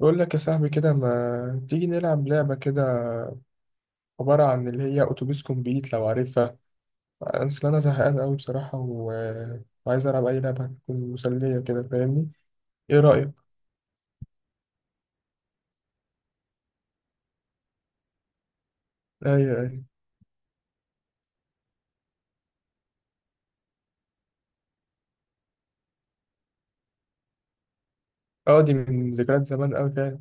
بقول لك يا صاحبي كده ما تيجي نلعب لعبة كده، عبارة عن اللي هي أتوبيس كومبليت لو عارفها. أصل أنا زهقان أوي بصراحة وعايز ألعب أي لعبة هتكون مسلية كده، فاهمني؟ إيه رأيك؟ أيوة أيوة. أه دي من ذكريات زمان أوي فعلا.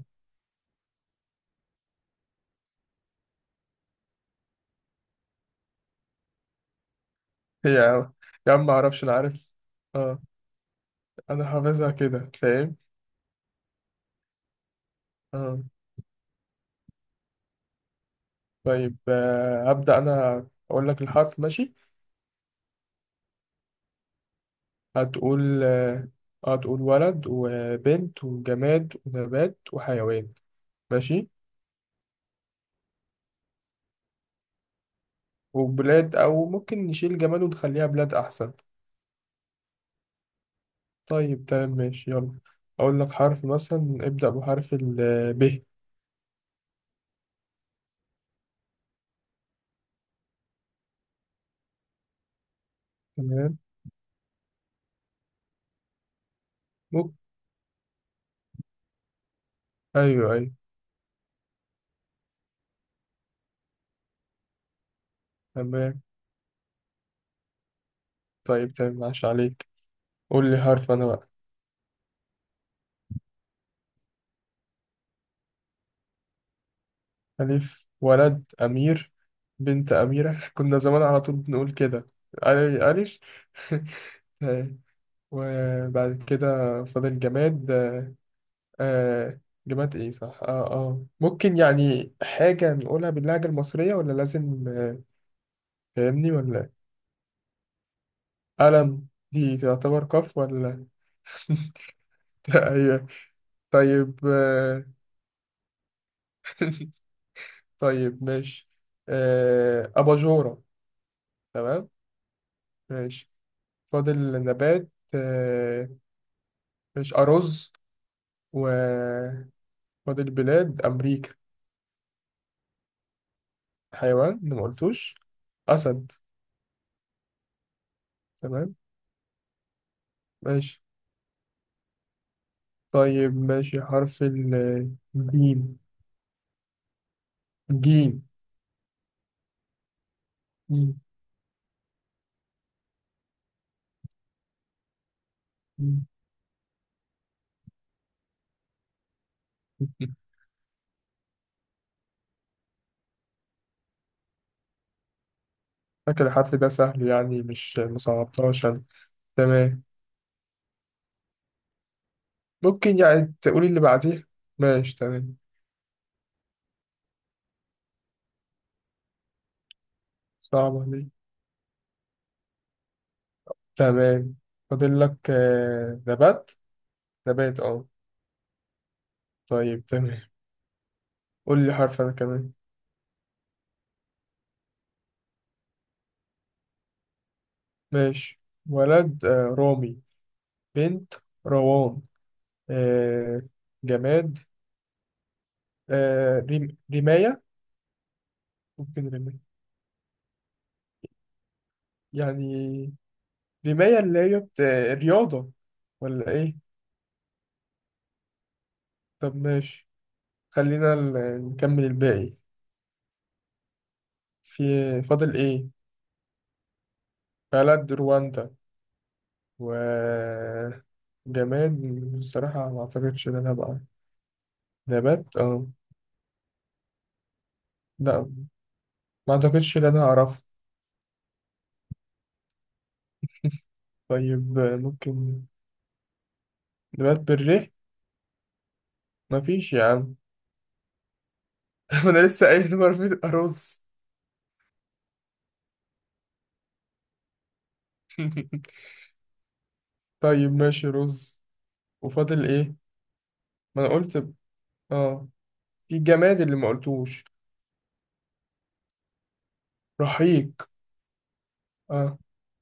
يا عم يا عم، معرفش أنا عارف. أه أنا حافظها كده، فاهم؟ أه طيب آه، هبدأ أنا أقول لك الحرف ماشي. هتقول آه، هتقول ولد وبنت وجماد ونبات وحيوان، ماشي؟ وبلاد، أو ممكن نشيل جماد ونخليها بلاد أحسن. طيب تمام ماشي يلا. أقول لك حرف مثلا، ابدأ بحرف ال ب. تمام، ممكن. أيوه أيوه. تمام. طيب تمام ماشي عليك. قول لي حرف أنا بقى. ألف، ولد أمير، بنت أميرة كنا زمان على طول بنقول كده. ألف ألف طيب، وبعد كده فاضل جماد. آه جماد ايه، صح اه ممكن يعني حاجة نقولها باللهجة المصرية ولا لازم؟ فاهمني ولا إيه؟ قلم دي تعتبر قاف ولا؟ أيوة. طيب آه، طيب ماشي آه، أباجورة. تمام ماشي. فاضل نبات. آه، ماشي أرز. وفاضل بلاد، أمريكا. حيوان أنا ما قلتوش، أسد. تمام ماشي. طيب ماشي، حرف الجيم. جيم. جيم. فاكر الحرف ده سهل يعني، مش مصعبتهاش أنا. تمام. ممكن يعني تقولي اللي بعديه. ماشي تمام. صعبة دي. تمام. فاضل لك آه، نبات. نبات، اه. طيب تمام. قول لي حرف انا كمان. ماشي. ولد آه، رامي. بنت روان. آه، جماد آه، رماية. ممكن رماية يعني، رماية اللي هي رياضة ولا ايه؟ طب ماشي، خلينا نكمل الباقي. في، فاضل ايه؟ بلد رواندا. وجماد، بصراحة ما أعتقدش إن أنا هبقى. نبات أه. لا، ما أعتقدش إن أنا هعرف. طيب آه، ممكن، نبات بالريح. مفيش يا عم طب أنا لسه قايل إن مفيش رز. طيب ماشي رز. وفاضل إيه؟ ما أنا قلت ب- أه، في الجماد اللي ما قلتوش، رحيق. أه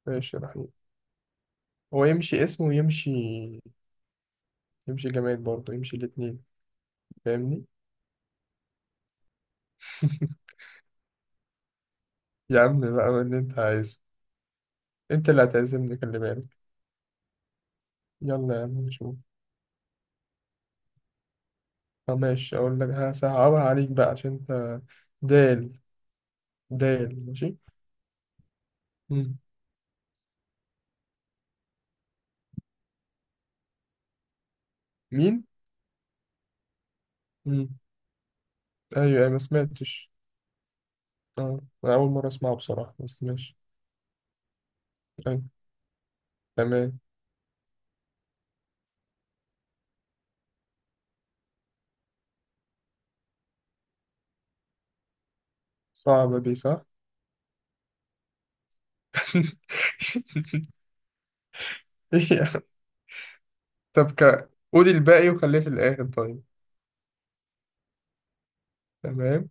ماشي رحيق. هو يمشي اسمه ويمشي، يمشي جماد برضه، يمشي الاتنين، فاهمني؟ يا عم بقى اللي أنت عايزه. أنت اللي هتعزمني، خلي بالك. يلا يا عم نشوف. طب ماشي، أقول لك هصعبها عليك بقى عشان أنت. دال. دال ماشي. مم. مين؟ مم. أيوة أيوة، ما سمعتش. أه أنا أول مرة أسمعه بصراحة، بس ماشي. أيوة تمام. صعبة دي، صح؟ إيه؟ طب قولي الباقي وخليه في الآخر طيب. تمام.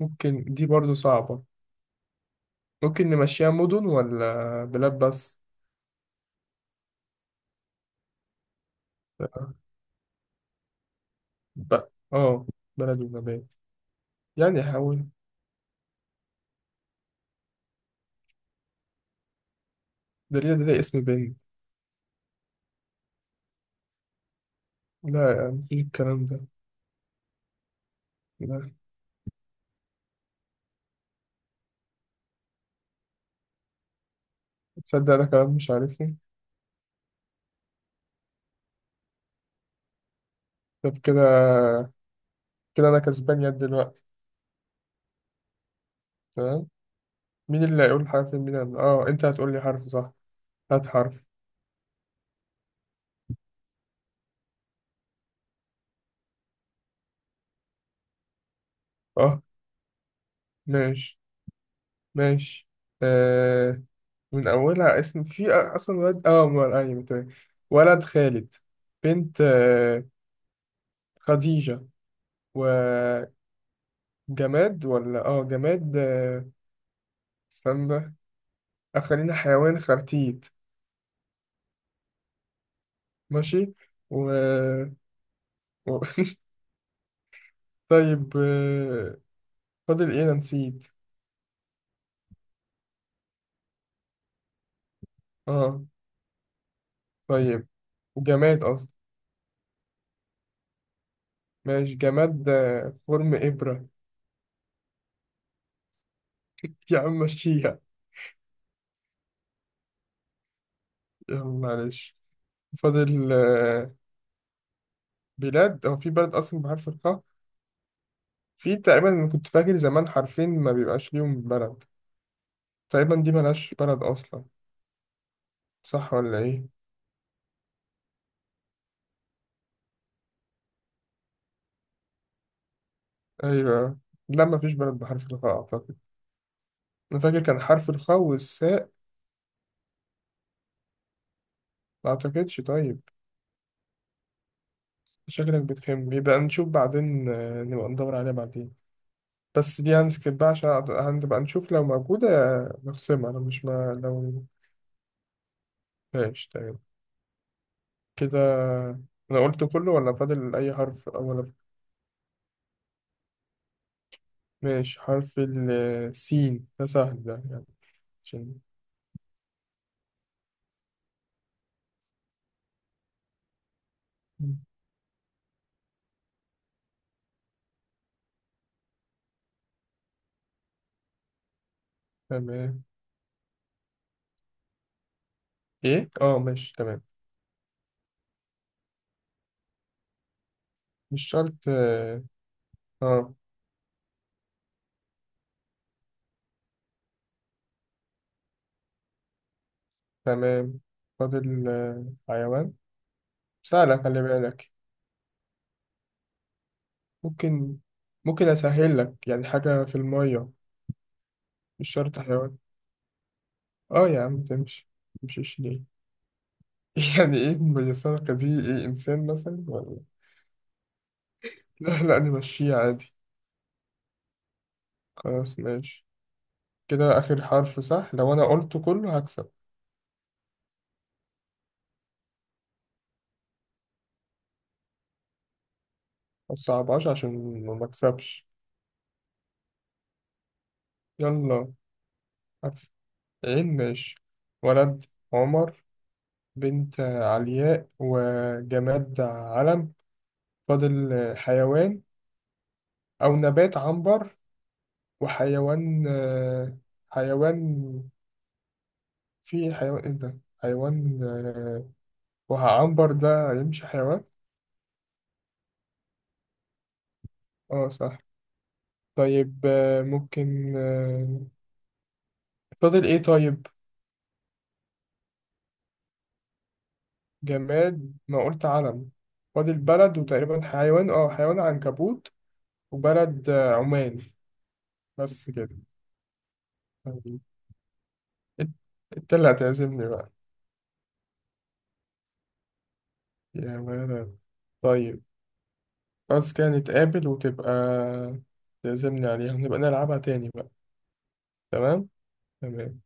ممكن دي برضو صعبة. ممكن نمشيها مدن، ولا بلاد بس؟ ب... اه، بلد ونبات. يعني حاول. ده ليه، ده اسم بنت. لا يا عم، في الكلام ده. لا، تصدق ده كلام مش عارفه. طب كده، كده انا كسبان يد دلوقتي. تمام. مين اللي هيقول حرف؟ اه، انت هتقول لي حرف، صح؟ هات حرف. اه، ماشي ماشي. آه، من اولها اسم في اصلا، ولد، ايوه تمام. ولد خالد. بنت آه، خديجة. وجماد، ولا اه جماد آه، استنى. آه، خلينا حيوان، خرتيت. ماشي. و... و... طيب آه، فاضل ايه؟ انا نسيت. اه طيب، جماد قصدي. ماشي، جماد آه، خرم إبرة. يا عم مشيها. يلا معلش. فاضل آه، بلاد. هو في بلد أصلا بحرف الخاء؟ في تقريبا، أنا كنت فاكر زمان حرفين ما بيبقاش ليهم بلد. تقريبا دي ملهاش بلد أصلا، صح ولا إيه؟ أيوه. لا، مفيش بلد بحرف الخاء أعتقد. أنا فاكر كان حرف الخاء والساء. ما أعتقدش، طيب. شكلك بتخم، يبقى نشوف بعدين آه، نبقى ندور عليها بعدين. بس دي هنسكيب بقى، عشان هنبقى نشوف لو موجودة، نخصمها، لو مش ما لو. ماشي تمام. كده أنا قلت كله، ولا فاضل أي حرف أول؟ ماشي. حرف السين ده سهل ده، يعني عشان. تمام. إيه؟ أه ماشي تمام. مش شرط آه. آه، تمام. فاضل آه، حيوان. سهلة خلي بالك. ممكن، ممكن أسهل لك، يعني حاجة في المية. مش شرط حيوان. أه يا عم تمشي، متمشيش ليه؟ يعني ايه ميسرة دي، ايه، انسان مثلا ولا؟ لا لا، نمشيه عادي. خلاص ماشي. كده اخر حرف صح، لو انا قلته كله هكسب. ما تصعبهاش عشان ما مكسبش. يلا. حرف، عين ماشي. ولد عمر. بنت علياء. وجماد علم. فاضل حيوان، او نبات عنبر. وحيوان آه، حيوان. في حيوان، ايه ده حيوان آه، وعنبر ده يمشي حيوان؟ اه صح. طيب آه، ممكن آه، فاضل ايه طيب؟ جماد ما قلت علم. فاضل بلد، وتقريبا حيوان، اه حيوان عنكبوت. وبلد آه، عمان. بس كده. طيب. انت، إنت اللي هتعزمني بقى. يا ولد، طيب. بس كده نتقابل، وتبقى تعزمني عليها، ونبقى نلعبها تاني بقى. تمام. تمام.